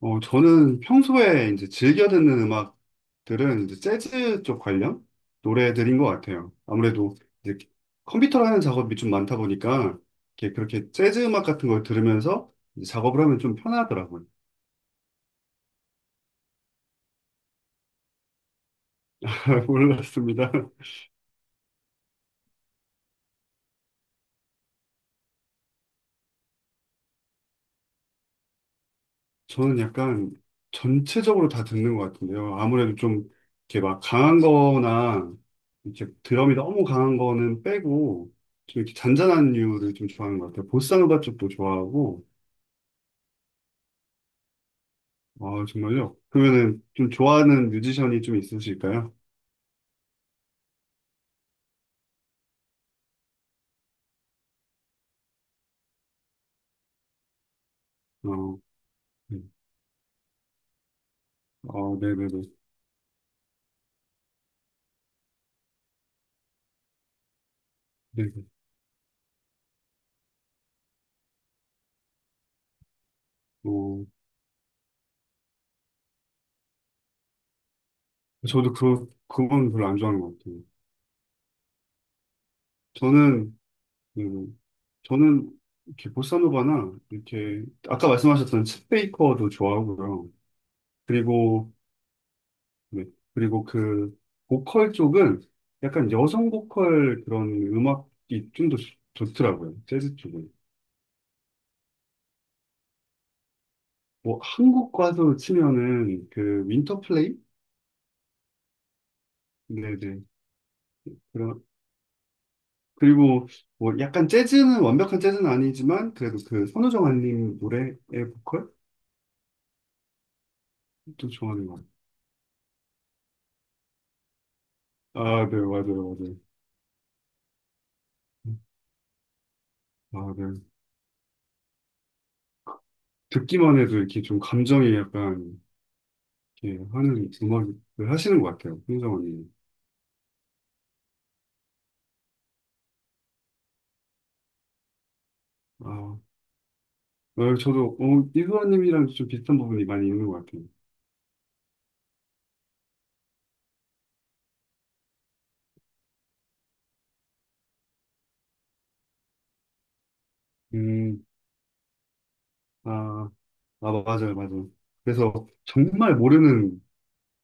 저는 평소에 이제 즐겨 듣는 음악들은 이제 재즈 쪽 관련 노래들인 것 같아요. 아무래도 이제 컴퓨터라는 작업이 좀 많다 보니까 이렇게 그렇게 재즈 음악 같은 걸 들으면서 이제 작업을 하면 좀 편하더라고요. 잘 몰랐습니다. 저는 약간 전체적으로 다 듣는 것 같은데요. 아무래도 좀 이렇게 막 강한 거나 이렇게 드럼이 너무 강한 거는 빼고 좀 이렇게 잔잔한 류를 좀 좋아하는 것 같아요. 보사노바 쪽도 좋아하고. 아, 정말요? 그러면은 좀 좋아하는 뮤지션이 좀 있으실까요? 어, 음. 아, 네네네. 네네. 어, 저도 그건 별로 안 좋아하는 것 같아요. 저는, 음, 저는 이렇게 보사노바나 이렇게, 아까 말씀하셨던 챗 베이커도 좋아하고요. 그리고, 네. 그리고 그, 보컬 쪽은 약간 여성 보컬 그런 음악이 좀 더 좋더라고요. 재즈 쪽은. 뭐, 한국 가수 치면은 그, 윈터플레이? 네네. 그러- 그리고 뭐 약간 재즈는 완벽한 재즈는 아니지만 그래도 그 선우정 아님 노래의 보컬 좀 좋아하는 것 같아요. 아, 네, 맞아요, 맞아요. 아, 네. 듣기만 해도 이렇게 좀 감정이 약간 이렇게 하는 음악을 하시는 것 같아요, 선우정 알님. 아, 저도 이수아님이랑 좀 비슷한 부분이 많이 있는 것 같아요. 음, 아, 아, 맞아요, 맞아요. 그래서 정말 모르는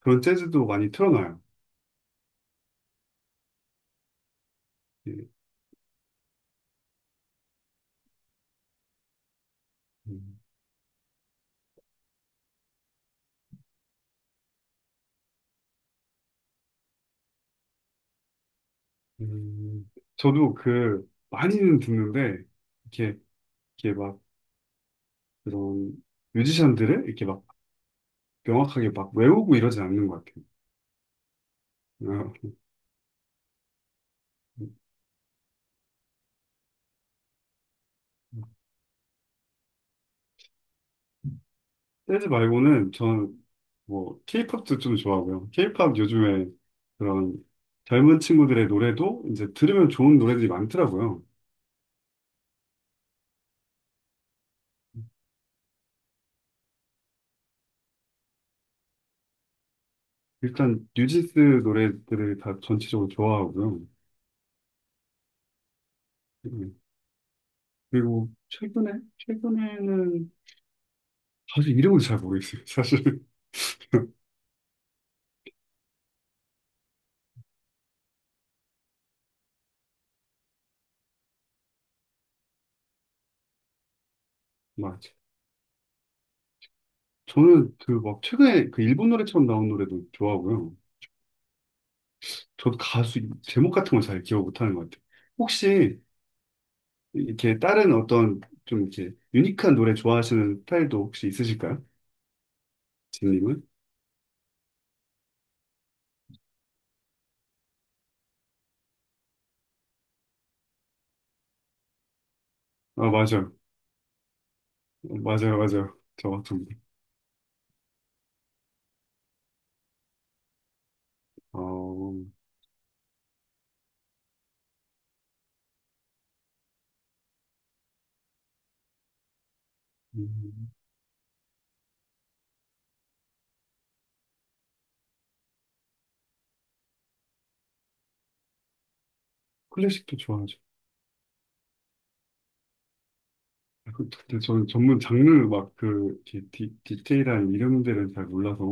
그런 재즈도 많이 틀어놔요. 예. 음. 음, 저도 그 많이는 듣는데 이렇게 이렇게 막 그런 뮤지션들을 이렇게 막 명확하게 막 외우고 이러진 않는 것 같아요. 어, 재즈 말고는 저는 뭐 케이팝도 좀 좋아하고요. 케이팝 요즘에 그런 젊은 친구들의 노래도 이제 들으면 좋은 노래들이 많더라고요. 일단 뉴진스 노래들을 다 전체적으로 좋아하고요. 음, 그리고 최근에는 사실 이름을 잘 모르겠어요. 사실 맞아. 저는 그 막 최근에 그 일본 노래처럼 나온 노래도 좋아하고요. 저도 가수 제목 같은 걸 잘 기억 못하는 것 같아요. 혹시 이렇게 다른 어떤 좀 이렇게 유니크한 노래 좋아하시는 스타일도 혹시 있으실까요? 진님은? 아, 맞아요. 맞아요, 맞아요. 저 같은 분. 어, 음, 클래식도 좋아하죠. 근데 저는 전문 장르 막 그 디테일한 이름들은 잘 몰라서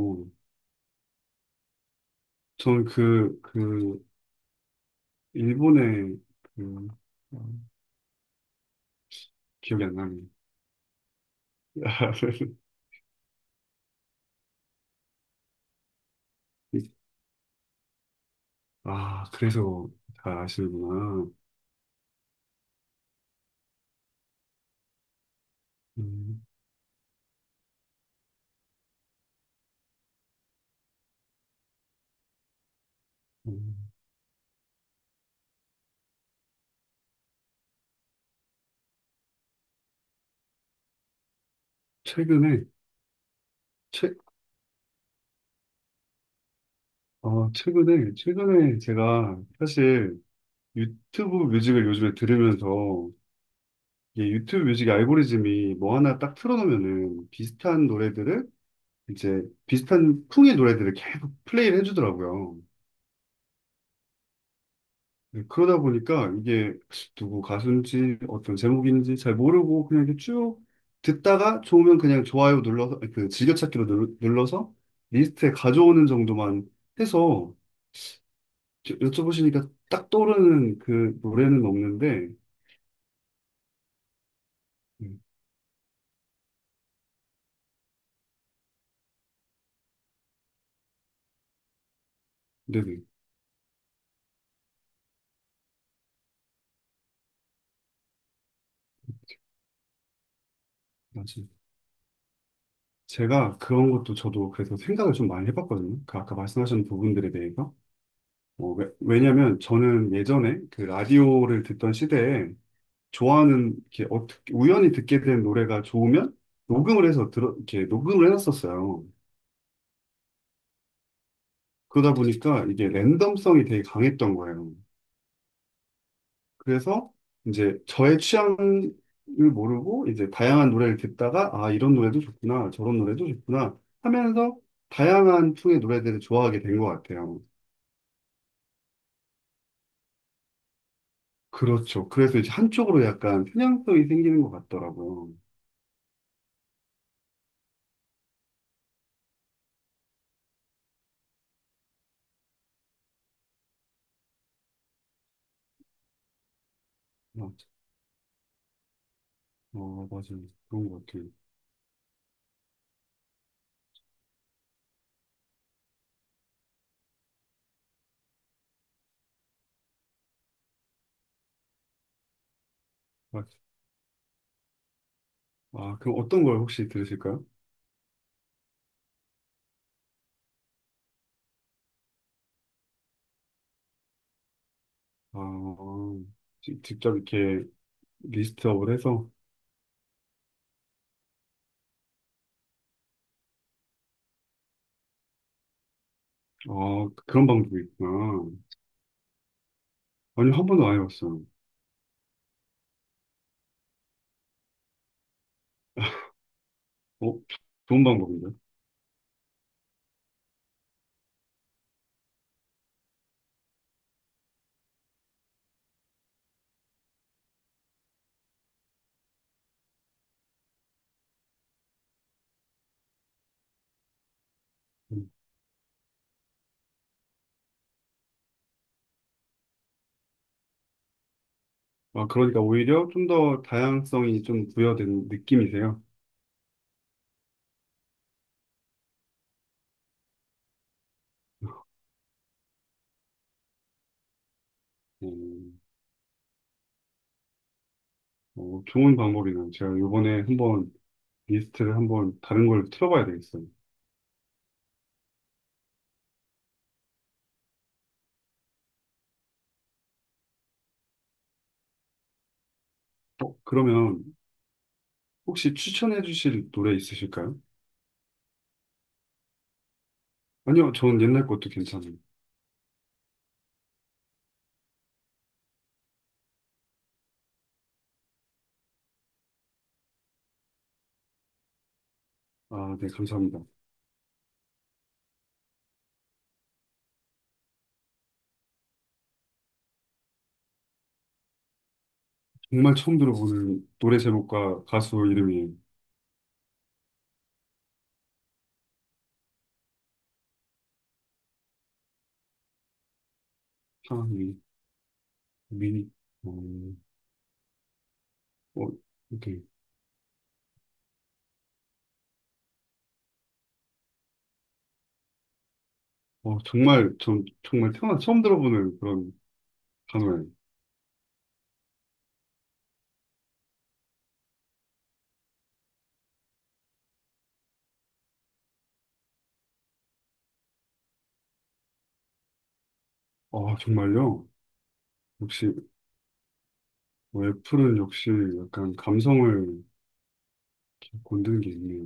저는 그 일본의 그 어, 기억이 안 납니다. 이- 아, 그래서 잘 아시는구나. 음, 음. 최근에, 최, 어, 최근에, 최근에 제가 사실 유튜브 뮤직을 요즘에 들으면서 이게 유튜브 뮤직 알고리즘이 뭐 하나 딱 틀어놓으면은 이제 비슷한 풍의 노래들을 계속 플레이를 해주더라고요. 네, 그러다 보니까 이게 누구 가수인지 어떤 제목인지 잘 모르고 그냥 이렇게 쭉 듣다가 좋으면 그냥 좋아요 눌러서 그 즐겨찾기로 눌러서 리스트에 가져오는 정도만 해서 여쭤보시니까 딱 떠오르는 그 노래는 없는데. 음, 네네, 맞아요. 제가 그런 것도 저도 그래서 생각을 좀 많이 해봤거든요. 그 아까 말씀하신 부분들에 대해서. 왜냐면 저는 예전에 그 라디오를 듣던 시대에 좋아하는 이렇게 어떻게 우연히 듣게 된 노래가 좋으면 녹음을 해서 들어 이렇게 녹음을 해놨었어요. 그러다 보니까 이게 랜덤성이 되게 강했던 거예요. 그래서 이제 저의 취향을 모르고 이제 다양한 노래를 듣다가 아 이런 노래도 좋구나 저런 노래도 좋구나 하면서 다양한 풍의 노래들을 좋아하게 된 것 같아요. 그렇죠. 그래서 이제 한쪽으로 약간 편향성이 생기는 것 같더라고요. 맞- 맞아요. 그런 것 같아요. 맞- 아, 그럼 어떤 걸 혹시 들으실까요? 아, 직접 이렇게 리스트업을 해서. 아, 그런 방법이 있구나. 아니, 한 번도 안 해봤어요. 어, 좋은 방법인데? 음. 아, 그러니까 오히려 좀 더 다양성이 좀 부여된 느낌이세요. 음, 좋은 방법이네요. 제가 이번에 한번 리스트를 한번 다른 걸 틀어봐야 되겠어요. 그러면 혹시 추천해 주실 노래 있으실까요? 아니요, 전 옛날 것도 괜찮아요. 아, 네, 감사합니다. 정말 처음 들어보는 노래 제목과 가수 이름이에요. 참. 미니, 어, 어, 이렇게, 정말, 전 정말 태어나 처음 들어보는 그런 단어예요. 아, 정말요? 역시, 뭐 애플은 역시 약간 감성을 이렇게 건드는 게 있네요.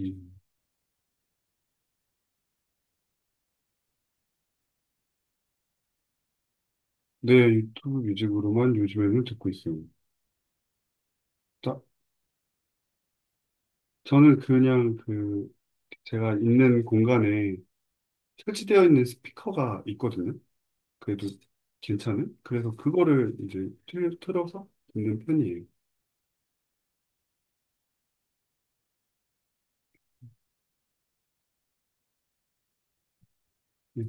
음. 네, 유튜브 뮤직으로만 요즘에는 듣고 있어요. 자, 저는 그냥 그, 제가 있는 공간에 설치되어 있는 스피커가 있거든요. 그래도 괜찮은? 그래서 그거를 이제 틀어서 듣는 편이에요. 네.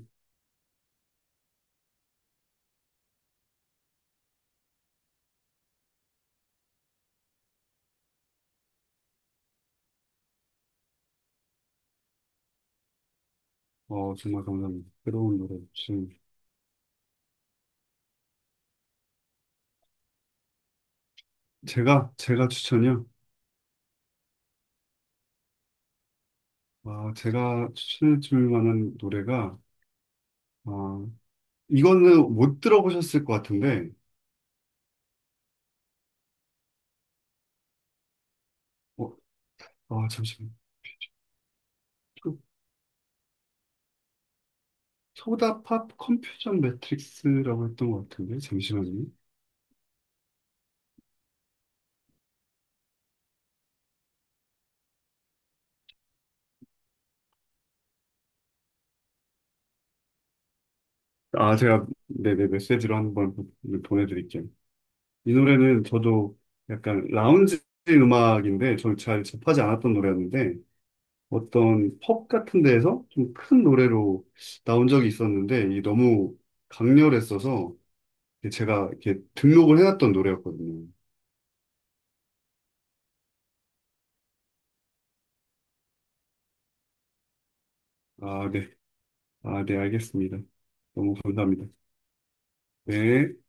정말 감사합니다. 새로운 노래 주신. 제가 추천이요. 아, 제가 추천해 줄 만한 노래가. 아, 이거는 못 들어보셨을 것 같은데. 어, 아, 잠시만요. 그 소다팝 컴퓨전 매트릭스라고 했던 것 같은데 잠시만요. 아, 제가 네네 메시지로 한번 보내드릴게요. 이 노래는 저도 약간 라운지 음악인데 저는 잘 접하지 않았던 노래였는데 어떤 펍 같은 데에서 좀 큰 노래로 나온 적이 있었는데 이 너무 강렬했어서 이게 제가 이렇게 등록을 해놨던 노래였거든요. 아, 네. 아, 네, 알겠습니다. 너무 감사합니다. 네.